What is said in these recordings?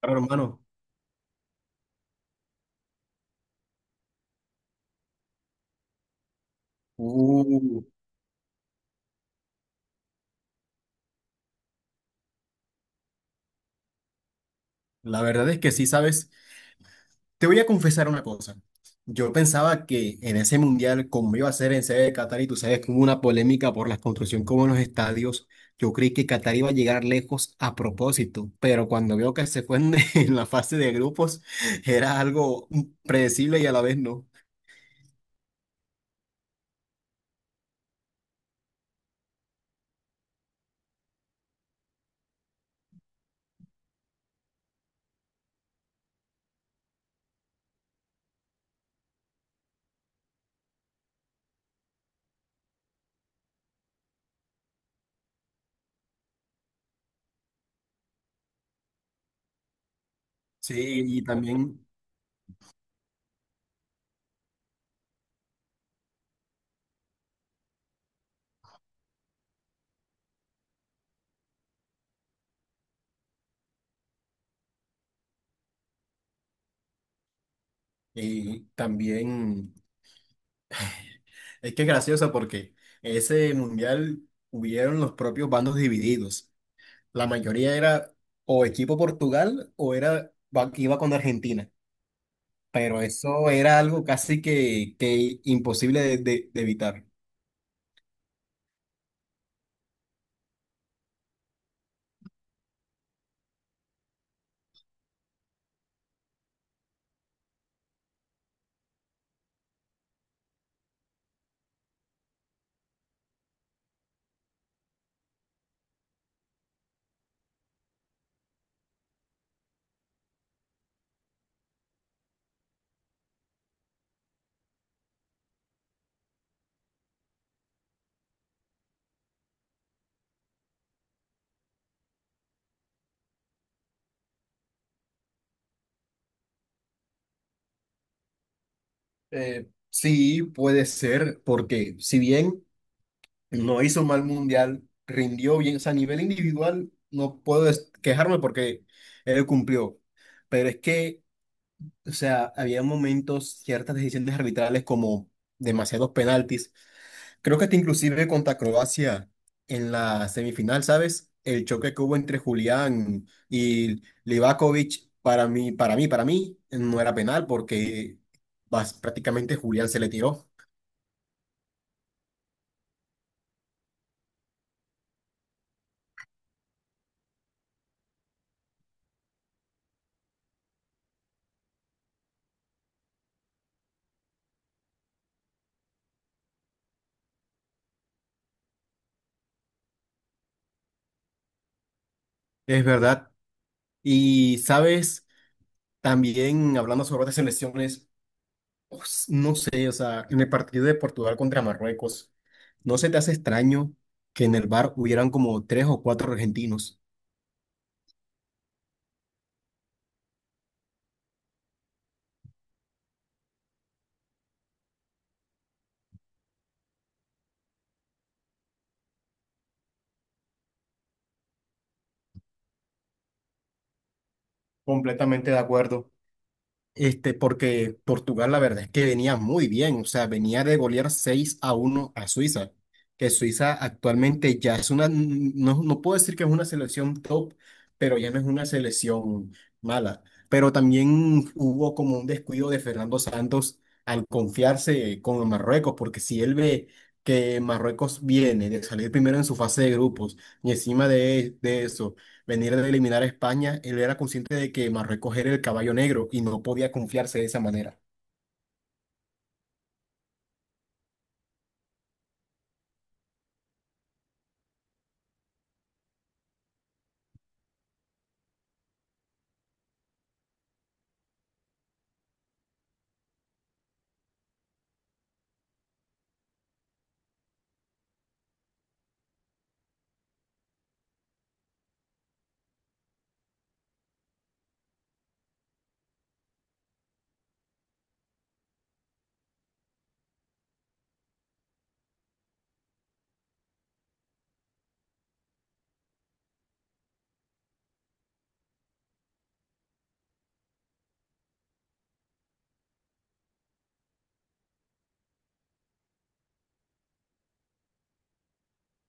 Claro, hermano. Uh, la verdad es que sí, ¿sabes? Te voy a confesar una cosa. Yo pensaba que en ese mundial, como iba a ser en sede de Qatar, y tú sabes que hubo una polémica por la construcción como en los estadios, yo creí que Qatar iba a llegar lejos a propósito, pero cuando veo que se fue en la fase de grupos, era algo predecible y a la vez no. Sí, y también, y también, es que es gracioso porque ese mundial hubieron los propios bandos divididos. La mayoría era o equipo Portugal o era iba con Argentina, pero eso era algo casi que imposible de evitar. Sí, puede ser, porque si bien no hizo un mal mundial, rindió bien, o sea, a nivel individual no puedo quejarme porque él cumplió, pero es que, o sea, había momentos, ciertas decisiones arbitrales como demasiados penaltis. Creo que hasta inclusive contra Croacia en la semifinal, ¿sabes? El choque que hubo entre Julián y Livakovic, para mí, para mí, no era penal porque prácticamente Julián se le tiró. Es verdad. Y, ¿sabes? También hablando sobre otras selecciones, pues, no sé, o sea, en el partido de Portugal contra Marruecos, ¿no se te hace extraño que en el bar hubieran como tres o cuatro argentinos? Completamente de acuerdo. Este, porque Portugal, la verdad es que venía muy bien, o sea, venía de golear 6 a uno a Suiza, que Suiza actualmente ya es una, no, no puedo decir que es una selección top, pero ya no es una selección mala. Pero también hubo como un descuido de Fernando Santos al confiarse con Marruecos, porque si él ve que Marruecos viene de salir primero en su fase de grupos y encima de eso venir de eliminar a España, él era consciente de que Marruecos era el caballo negro y no podía confiarse de esa manera.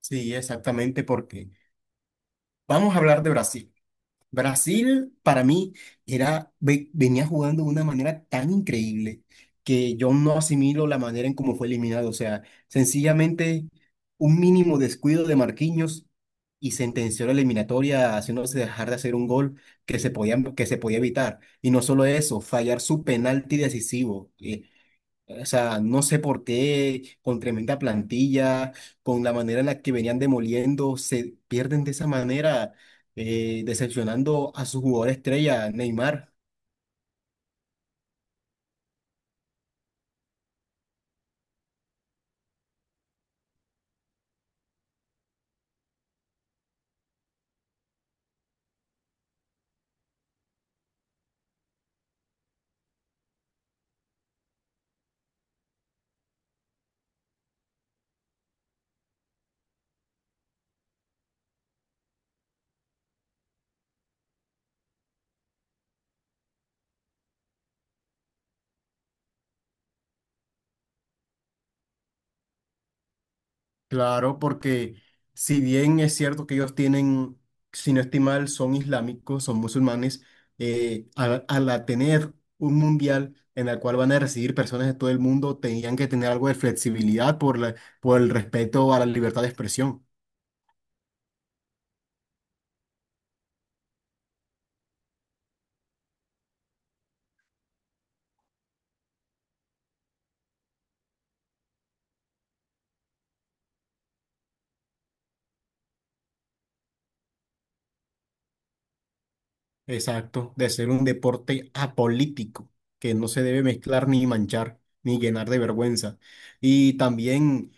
Sí, exactamente, porque vamos a hablar de Brasil. Brasil para mí era, venía jugando de una manera tan increíble que yo no asimilo la manera en cómo fue eliminado. O sea, sencillamente un mínimo descuido de Marquinhos y sentenció la eliminatoria haciéndose dejar de hacer un gol que se podía evitar. Y no solo eso, fallar su penalti decisivo. O sea, no sé por qué, con tremenda plantilla, con la manera en la que venían demoliendo, se pierden de esa manera, decepcionando a su jugador estrella, Neymar. Claro, porque si bien es cierto que ellos tienen, si no estoy mal, son islámicos, son musulmanes, al, al a tener un mundial en el cual van a recibir personas de todo el mundo, tenían que tener algo de flexibilidad por por el respeto a la libertad de expresión. Exacto, de ser un deporte apolítico, que no se debe mezclar ni manchar, ni llenar de vergüenza. Y también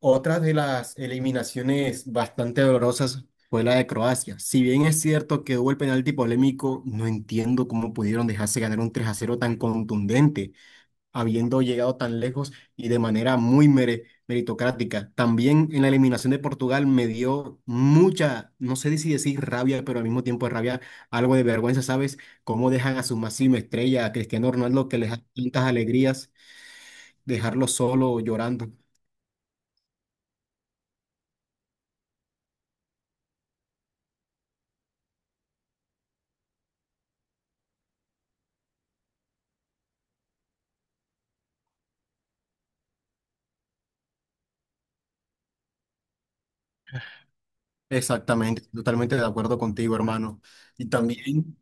otra de las eliminaciones bastante dolorosas fue la de Croacia. Si bien es cierto que hubo el penalti polémico, no entiendo cómo pudieron dejarse ganar un 3 a cero tan contundente, habiendo llegado tan lejos y de manera muy meritocrática. También en la eliminación de Portugal me dio mucha, no sé si decir rabia, pero al mismo tiempo de rabia, algo de vergüenza, ¿sabes? Cómo dejan a su máxima estrella, a Cristiano Ronaldo, que les da tantas alegrías, dejarlo solo llorando. Exactamente, totalmente de acuerdo contigo, hermano. Y también.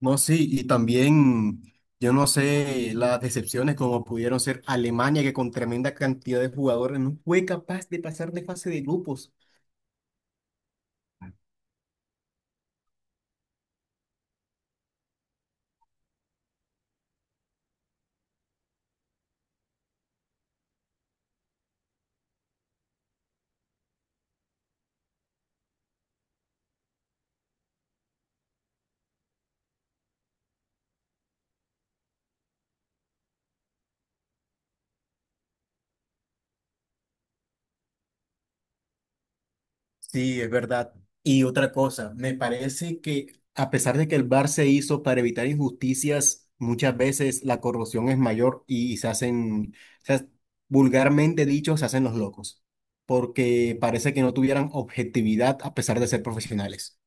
No, sí, y también, yo no sé, las decepciones como pudieron ser Alemania, que con tremenda cantidad de jugadores no fue capaz de pasar de fase de grupos. Sí, es verdad. Y otra cosa, me parece que a pesar de que el VAR se hizo para evitar injusticias, muchas veces la corrupción es mayor y se hacen, se- ha- vulgarmente dicho, se hacen los locos, porque parece que no tuvieran objetividad a pesar de ser profesionales.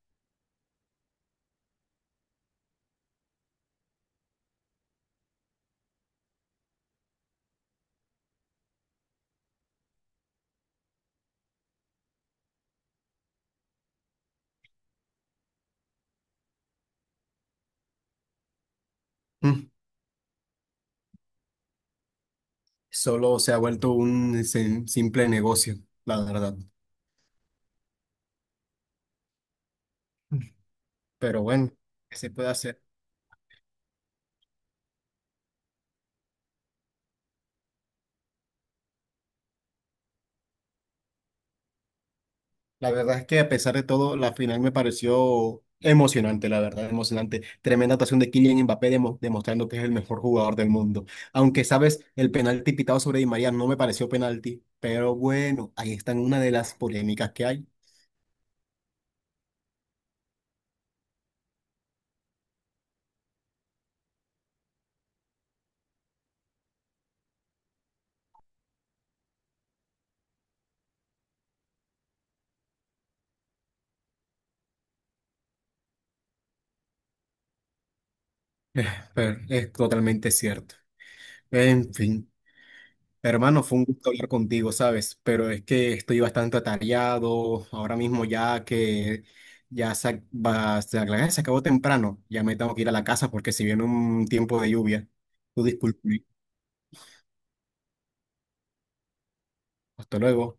Solo se ha vuelto un simple negocio, la verdad. Pero bueno, ¿qué se puede hacer? La verdad es que a pesar de todo, la final me pareció emocionante, la verdad, emocionante. Tremenda actuación de Kylian Mbappé demostrando que es el mejor jugador del mundo. Aunque, sabes, el penalti pitado sobre Di María no me pareció penalti, pero bueno, ahí está una de las polémicas que hay. Pero es totalmente cierto. En fin. Hermano, fue un gusto hablar contigo, ¿sabes? Pero es que estoy bastante atareado ahora mismo ya que ya se, se acabó temprano. Ya me tengo que ir a la casa porque si viene un tiempo de lluvia. Tú disculpe. Hasta luego.